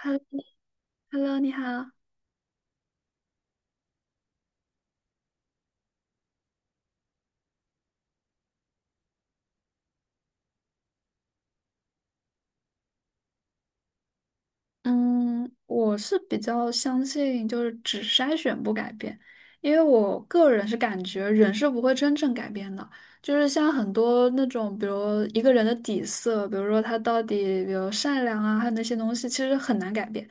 Hello，Hello，你好。嗯，我是比较相信就是只筛选不改变，因为我个人是感觉人是不会真正改变的。就是像很多那种，比如一个人的底色，比如说他到底，比如善良啊，还有那些东西，其实很难改变。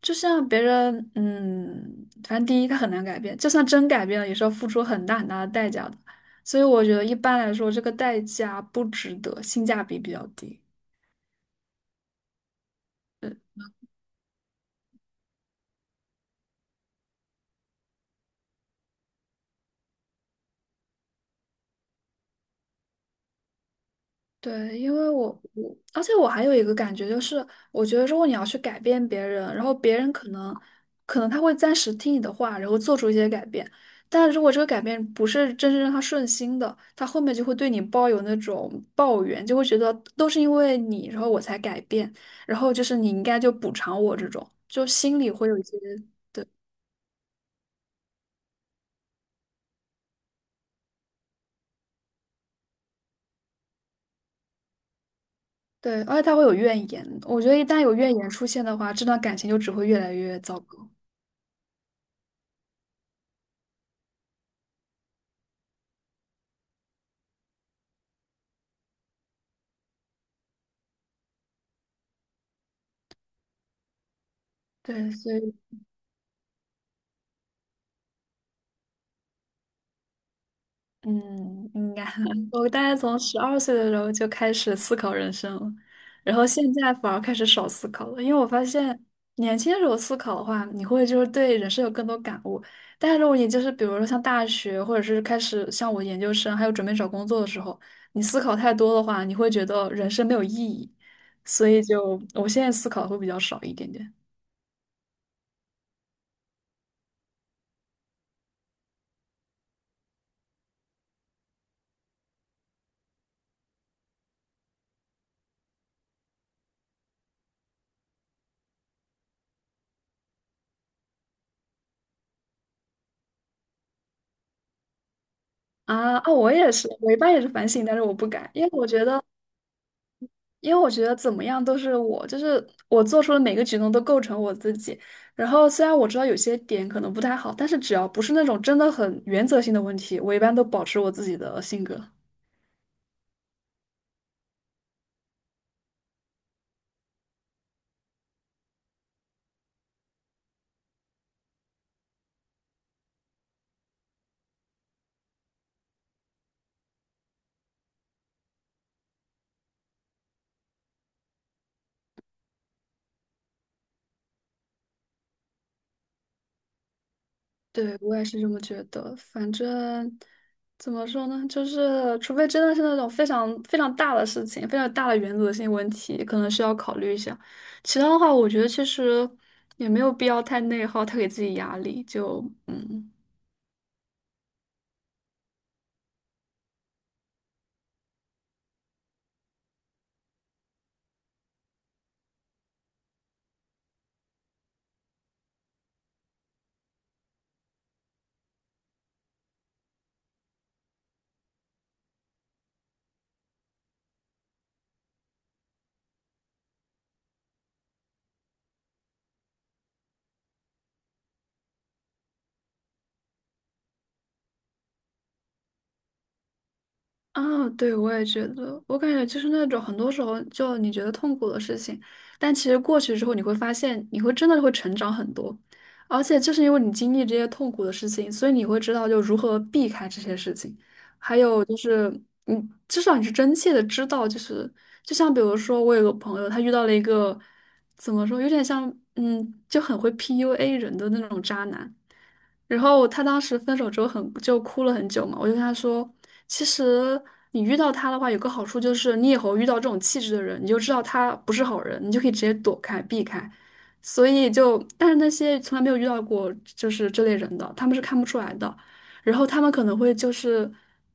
就像别人，嗯，反正第一他很难改变，就算真改变了，也是要付出很大很大的代价的。所以我觉得一般来说，这个代价不值得，性价比比较低。对，因为我，而且我还有一个感觉就是，我觉得如果你要去改变别人，然后别人可能他会暂时听你的话，然后做出一些改变，但如果这个改变不是真正让他顺心的，他后面就会对你抱有那种抱怨，就会觉得都是因为你，然后我才改变，然后就是你应该就补偿我这种，就心里会有一些，对，而且他会有怨言，我觉得一旦有怨言出现的话，这段感情就只会越来越糟糕。对，所以。嗯，应该，我大概从12岁的时候就开始思考人生了，然后现在反而开始少思考了，因为我发现年轻的时候思考的话，你会就是对人生有更多感悟，但是如果你就是比如说像大学，或者是开始像我研究生，还有准备找工作的时候，你思考太多的话，你会觉得人生没有意义，所以就我现在思考会比较少一点点。啊啊，我也是，我一般也是反省，但是我不敢，因为我觉得。因为我觉得怎么样都是我，就是我做出的每个举动都构成我自己。然后虽然我知道有些点可能不太好，但是只要不是那种真的很原则性的问题，我一般都保持我自己的性格。对，我也是这么觉得。反正怎么说呢，就是除非真的是那种非常非常大的事情，非常大的原则性问题，可能需要考虑一下。其他的话，我觉得其实也没有必要太内耗，太给自己压力。就嗯。啊，对，我也觉得，我感觉就是那种很多时候就你觉得痛苦的事情，但其实过去之后你会发现，你会真的会成长很多，而且就是因为你经历这些痛苦的事情，所以你会知道就如何避开这些事情，还有就是你至少你是真切的知道，就是就像比如说我有个朋友，他遇到了一个怎么说，有点像就很会 PUA 人的那种渣男。然后他当时分手之后很就哭了很久嘛，我就跟他说，其实你遇到他的话，有个好处就是你以后遇到这种气质的人，你就知道他不是好人，你就可以直接躲开避开。所以就，但是那些从来没有遇到过就是这类人的，他们是看不出来的。然后他们可能会就是，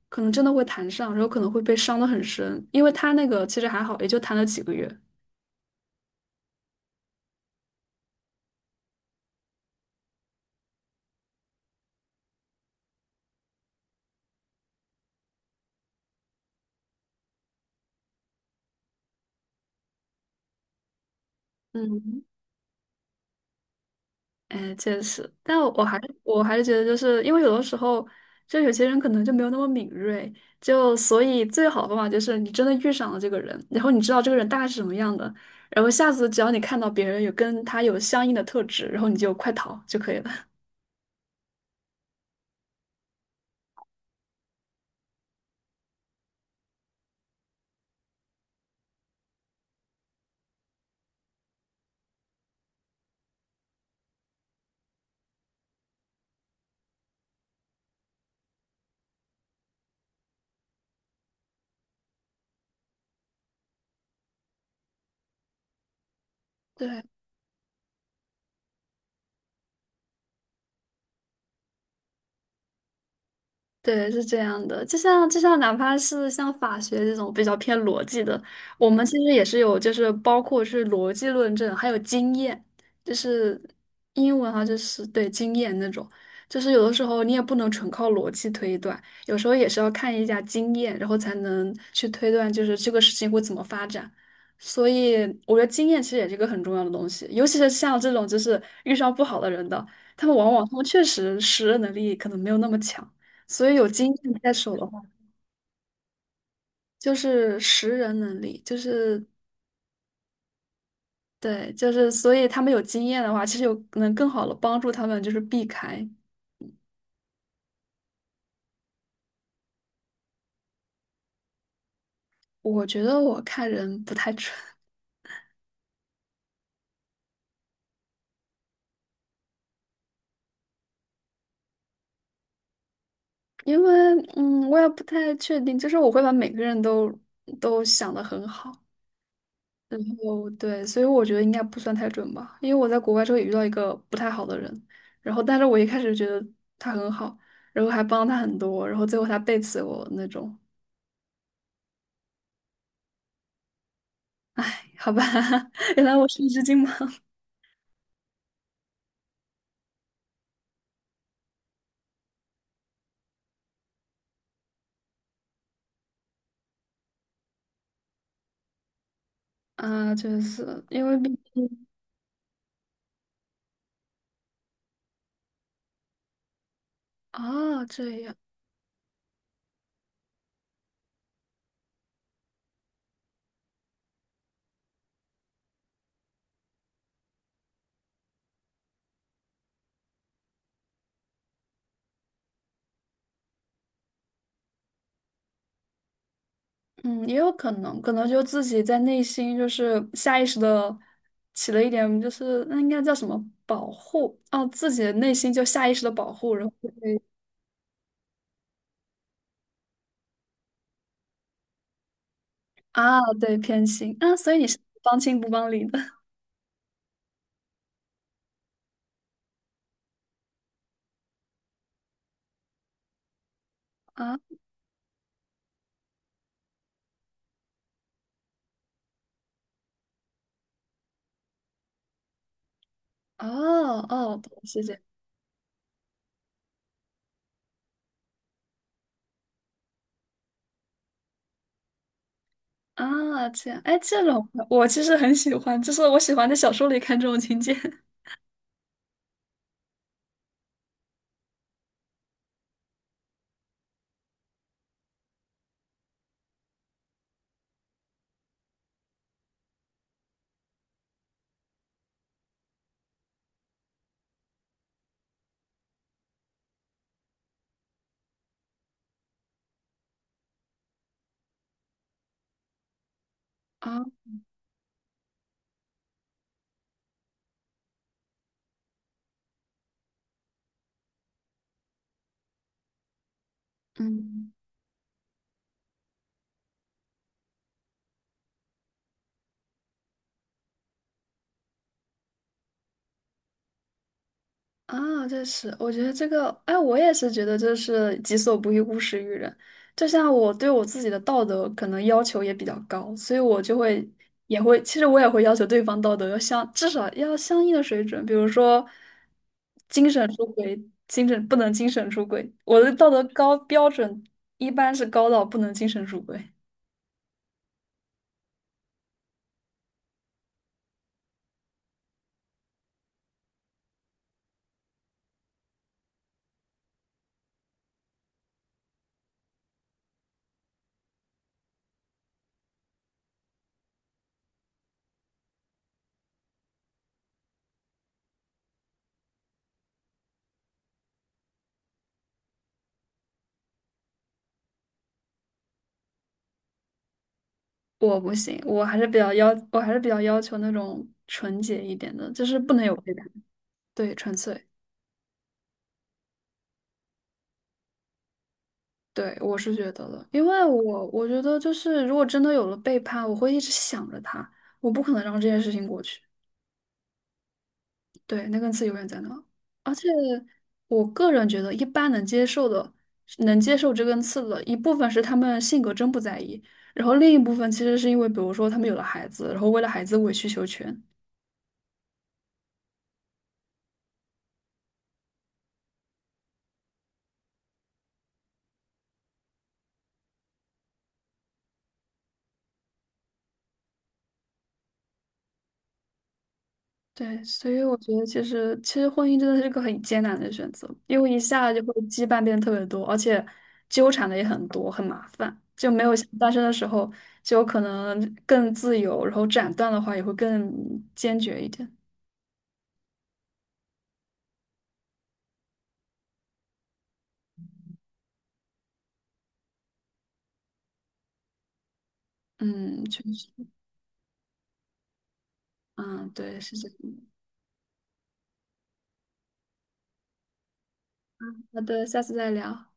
可能真的会谈上，然后可能会被伤得很深，因为他那个其实还好，也就谈了几个月。嗯，哎，确实，但我还是觉得，就是因为有的时候，就有些人可能就没有那么敏锐，就所以最好的方法就是你真的遇上了这个人，然后你知道这个人大概是什么样的，然后下次只要你看到别人有跟他有相应的特质，然后你就快逃就可以了。对，对，是这样的，就像就像哪怕是像法学这种比较偏逻辑的，我们其实也是有，就是包括是逻辑论证，还有经验，就是英文哈，就是对经验那种，就是有的时候你也不能纯靠逻辑推断，有时候也是要看一下经验，然后才能去推断，就是这个事情会怎么发展。所以我觉得经验其实也是一个很重要的东西，尤其是像这种就是遇上不好的人的，他们往往他们确实识人能力可能没有那么强。所以有经验在手的话，就是识人能力，就是对，就是所以他们有经验的话，其实有能更好的帮助他们，就是避开。我觉得我看人不太准，因为我也不太确定，就是我会把每个人都想得很好，然后对，所以我觉得应该不算太准吧，因为我在国外之后也遇到一个不太好的人，然后但是我一开始觉得他很好，然后还帮他很多，然后最后他背刺我那种，好吧。原来我是一只金毛。啊，就是因为毕竟啊，这样，嗯，也有可能，可能就自己在内心就是下意识的起了一点，就是那应该叫什么保护哦，自己的内心就下意识的保护，然后啊，对，偏心啊，所以你是帮亲不帮理的 啊，哦哦，是谢样啊，这样，哎，这种我其实很喜欢，就是我喜欢在小说里看这种情节 啊，嗯。啊，这是我觉得这个，哎，我也是觉得这是己所不欲，勿施于人。就像我对我自己的道德可能要求也比较高，所以我就会也会，其实我也会要求对方道德要相，至少要相应的水准。比如说，精神出轨，精神不能精神出轨。我的道德高标准一般是高到不能精神出轨，我不行，我还是比较要求那种纯洁一点的，就是不能有背叛，对，纯粹。对，我是觉得的，因为我觉得就是，如果真的有了背叛，我会一直想着他，我不可能让这件事情过去。对，那根刺永远在那。而且我个人觉得，一般能接受的、能接受这根刺的一部分是他们性格真不在意，然后另一部分其实是因为，比如说他们有了孩子，然后为了孩子委曲求全。对，所以我觉得其实婚姻真的是个很艰难的选择，因为一下就会羁绊变得特别多，而且纠缠的也很多，很麻烦，就没有像单身的时候就有可能更自由，然后斩断的话也会更坚决一点。嗯，确实，嗯，对，是这样的。好的，下次再聊。